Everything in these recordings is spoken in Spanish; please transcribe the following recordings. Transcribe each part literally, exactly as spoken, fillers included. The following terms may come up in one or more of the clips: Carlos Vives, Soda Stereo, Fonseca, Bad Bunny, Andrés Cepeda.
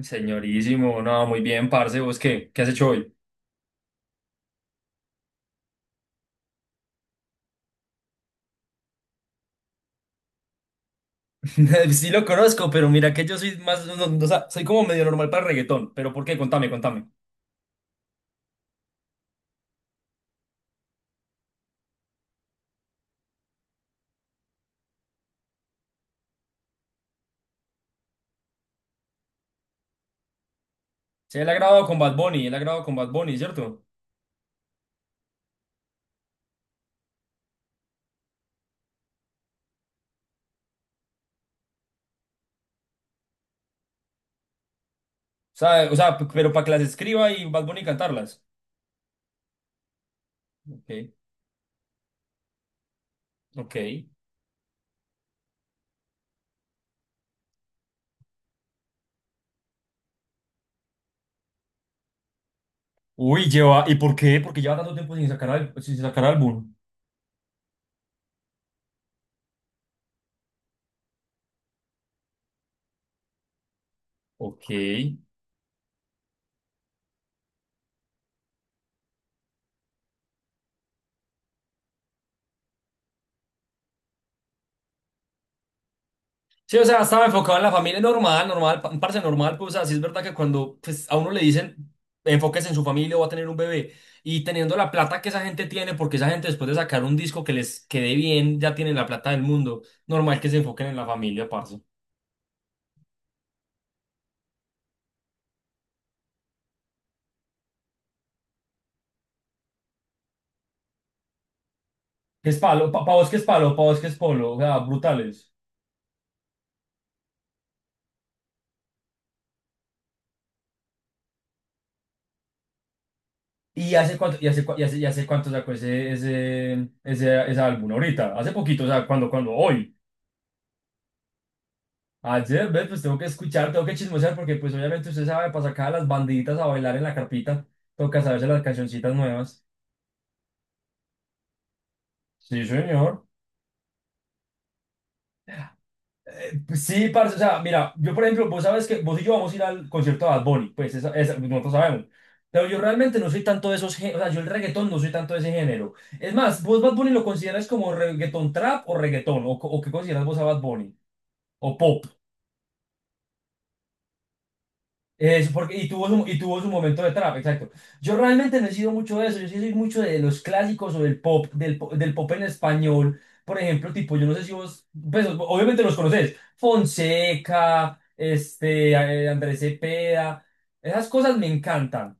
Señorísimo, no, muy bien, parce, ¿vos qué? ¿Qué has hecho hoy? Sí lo conozco, pero mira que yo soy más, no, no, no, o sea, soy como medio normal para el reggaetón, pero ¿por qué? Contame, contame. Sí, él ha grabado con Bad Bunny, él ha grabado con Bad Bunny, ¿cierto? O sea, o sea, p- pero para que las escriba y Bad Bunny cantarlas. Ok, ok. Uy, lleva, ¿y por qué? Porque lleva tanto tiempo sin sacar, al- sin sacar álbum. Ok. Sí, o sea, estaba enfocado en la familia normal, normal, pa- un parce normal, pues, así es verdad que cuando pues, a uno le dicen enfóquese en su familia o va a tener un bebé y teniendo la plata que esa gente tiene, porque esa gente después de sacar un disco que les quede bien, ya tienen la plata del mundo, normal que se enfoquen en la familia, parce. ¿Qué es palo? Pa, pa vos qué es palo, pa vos qué es polo, o sea, brutales. ¿Y hace cuánto, y hace, cua- y hace, y hace cuánto sacó ese, ese, ese, ese álbum? Ahorita, hace poquito, o sea, cuando, cuando, hoy. Ayer, ¿ves? Pues tengo que escuchar, tengo que chismosear, porque pues obviamente usted sabe, para sacar a las bandiditas a bailar en la carpita, toca saberse las cancioncitas nuevas. Sí, señor. Eh, pues sí, parce, o sea, mira, yo por ejemplo, vos sabes que vos y yo vamos a ir al concierto de Bad Bunny, pues esa, esa- pues, nosotros sabemos. Pero yo realmente no soy tanto de esos géneros, o sea, yo el reggaetón no soy tanto de ese género. Es más, ¿vos Bad Bunny lo consideras como reggaetón trap o reggaetón? ¿O, co- o qué consideras vos a Bad Bunny? ¿O pop? Es porque, y tuvo su, y tuvo su momento de trap, exacto. Yo realmente no he sido mucho de eso, yo sí soy mucho de los clásicos o del pop, del, po- del pop en español. Por ejemplo, tipo, yo no sé si vos, pues obviamente los conocés, Fonseca, este, eh, Andrés Cepeda, esas cosas me encantan.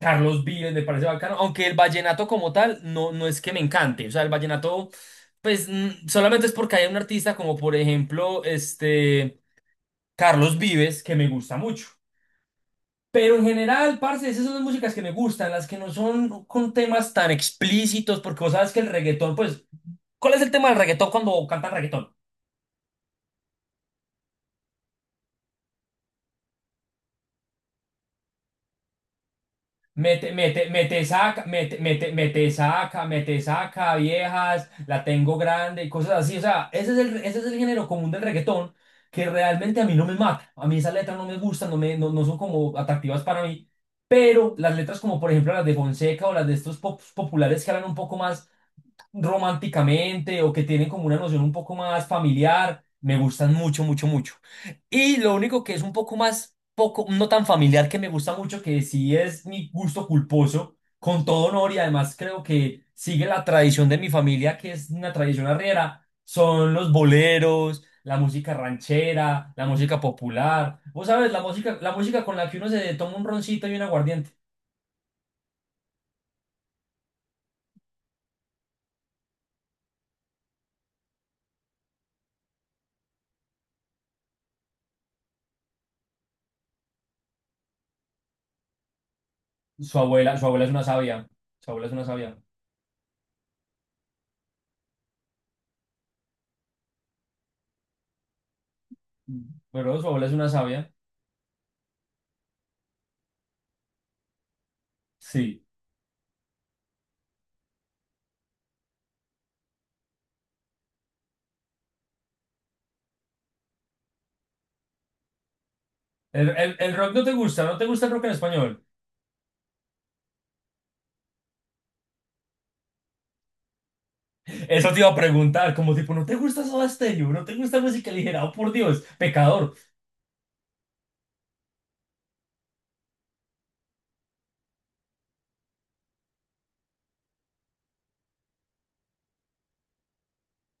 Carlos Vives me parece bacano, aunque el vallenato como tal no, no es que me encante, o sea, el vallenato, pues mm, solamente es porque hay un artista como por ejemplo, este, Carlos Vives, que me gusta mucho. Pero en general, parce, esas son las músicas que me gustan, las que no son con temas tan explícitos, porque vos sabes que el reggaetón, pues, ¿cuál es el tema del reggaetón cuando cantan reggaetón? Mete, mete, mete, saca, mete, mete, mete, saca, mete, saca, viejas, la tengo grande y cosas así. O sea, ese es el, ese es el género común del reggaetón que realmente a mí no me mata. A mí esas letras no me gustan, no, me, no, no son como atractivas para mí. Pero las letras como, por ejemplo, las de Fonseca o las de estos pop- populares que hablan un poco más románticamente o que tienen como una noción un poco más familiar, me gustan mucho, mucho, mucho. Y lo único que es un poco más, poco, no tan familiar que me gusta mucho, que sí es mi gusto culposo, con todo honor y además creo que sigue la tradición de mi familia, que es una tradición arriera, son los boleros, la música ranchera, la música popular. Vos sabes, la música, la música con la que uno se toma un roncito y un aguardiente. Su abuela, su abuela es una sabia. Su abuela es una sabia. Pero su abuela es una sabia. Sí. El, el- el rock no te gusta, no te gusta el rock en español. Eso te iba a preguntar, como tipo, ¿no te gusta Soda Stereo? ¿No te gusta música ligera? Oh, por Dios, pecador.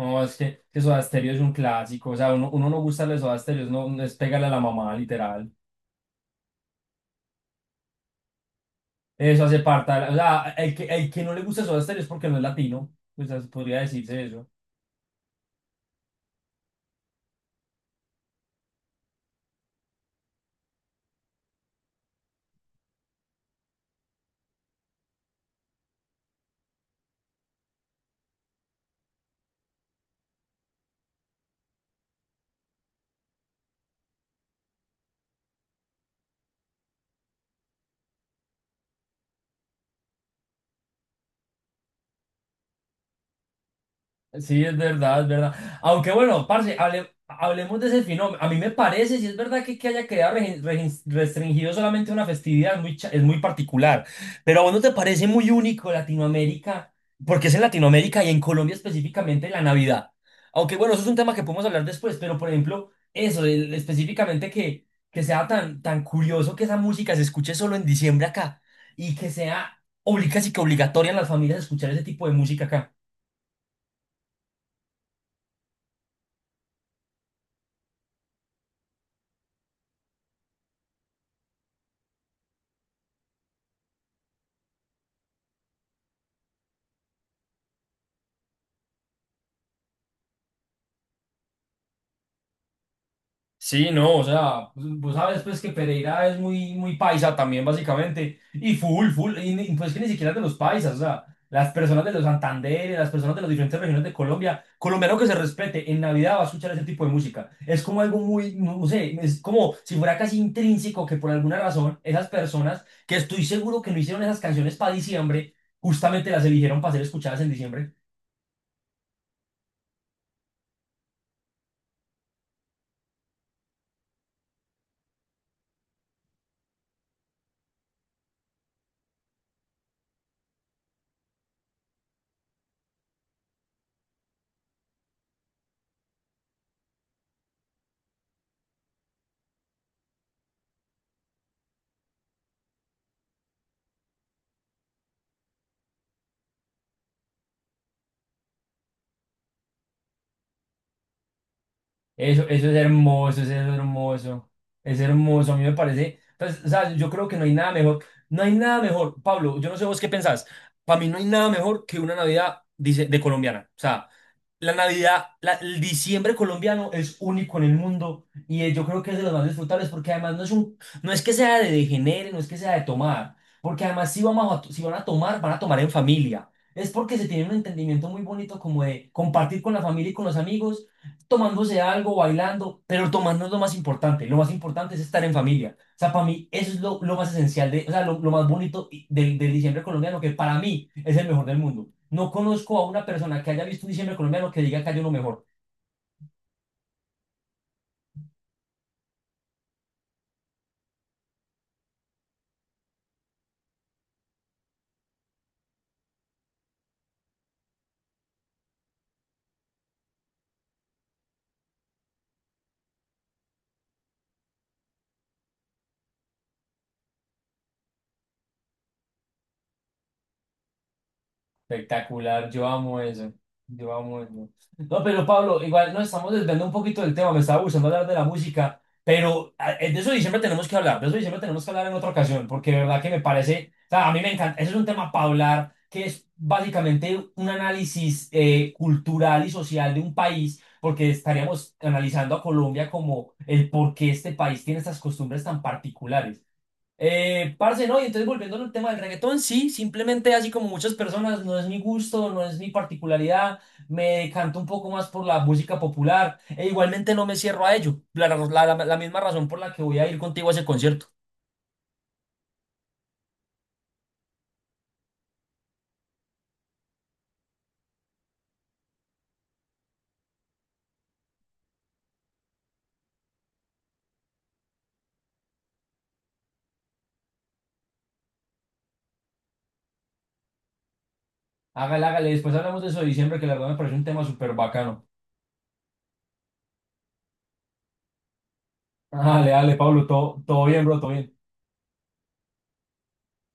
No, es que, que Soda Stereo es un clásico. O sea, uno, uno no gusta de Soda Stereo, no, no es pegarle a la mamá, literal. Eso hace parte. de la- O sea, el que, el que no le gusta Soda Stereo es porque no es latino. Pues así podría decirse eso. Sí, es verdad, es verdad. Aunque bueno, parce, hable- hablemos de ese fenómeno. A mí me parece, si es verdad que, que haya quedado regen- regen- restringido solamente una festividad, es muy, cha- es muy particular. Pero a vos no te parece muy único Latinoamérica, porque es en Latinoamérica y en Colombia específicamente la Navidad. Aunque bueno, eso es un tema que podemos hablar después, pero por ejemplo, eso, el- específicamente que, que sea tan, tan curioso que esa música se escuche solo en diciembre acá y que sea obliga- casi que obligatoria en las familias escuchar ese tipo de música acá. Sí, no, o sea, pues, vos sabes pues que Pereira es muy, muy paisa también básicamente, y full, full, y ni- pues que ni siquiera de los paisas, o sea, las personas de los Santanderes, las personas de las diferentes regiones de Colombia, colombiano que se respete, en Navidad va a escuchar ese tipo de música, es como algo muy, no no sé, es como si fuera casi intrínseco que por alguna razón esas personas que estoy seguro que no hicieron esas canciones para diciembre, justamente las eligieron para ser escuchadas en diciembre. Eso, eso es hermoso, eso es hermoso. Es hermoso, a mí me parece. Pues, o sea, yo creo que no hay nada mejor. No hay nada mejor, Pablo, yo no sé vos qué pensás. Para mí no hay nada mejor que una Navidad, dice, de colombiana. O sea, la Navidad, la- el diciembre colombiano es único en el mundo y eh, yo creo que es de los más disfrutables porque además no es un, no es que sea de degenere, no es que sea de tomar, porque además si vamos a, to- si van a tomar, van a tomar en familia. Es porque se tiene un entendimiento muy bonito como de compartir con la familia y con los amigos, tomándose algo, bailando, pero tomar no es lo más importante, lo más importante es estar en familia. O sea, para mí eso es lo, lo más esencial, de, o sea, lo, lo más bonito y- del, del diciembre colombiano que para mí es el mejor del mundo. No conozco a una persona que haya visto un diciembre colombiano que diga que hay uno mejor. Espectacular, yo amo eso. Yo amo eso. No, pero Pablo, igual nos estamos desviando un poquito del tema, me estaba gustando hablar de la música, pero ah, eh, de eso diciembre tenemos que hablar, de eso diciembre tenemos que hablar en otra ocasión, porque de verdad que me parece, o sea, a mí me encanta, ese es un tema para hablar, que es básicamente un análisis eh, cultural y social de un país, porque estaríamos analizando a Colombia como el por qué este país tiene estas costumbres tan particulares. Eh, parce, no, y entonces volviendo al tema del reggaetón, sí, simplemente así como muchas personas, no es mi gusto, no es mi particularidad, me decanto un poco más por la música popular, e igualmente no me cierro a ello, la, ra- la, la- la misma razón por la que voy a ir contigo a ese concierto. Hágale, hágale, después hablamos de eso de diciembre, que la verdad me parece un tema súper bacano. Dale, dale, Pablo, todo, todo bien, bro, todo bien.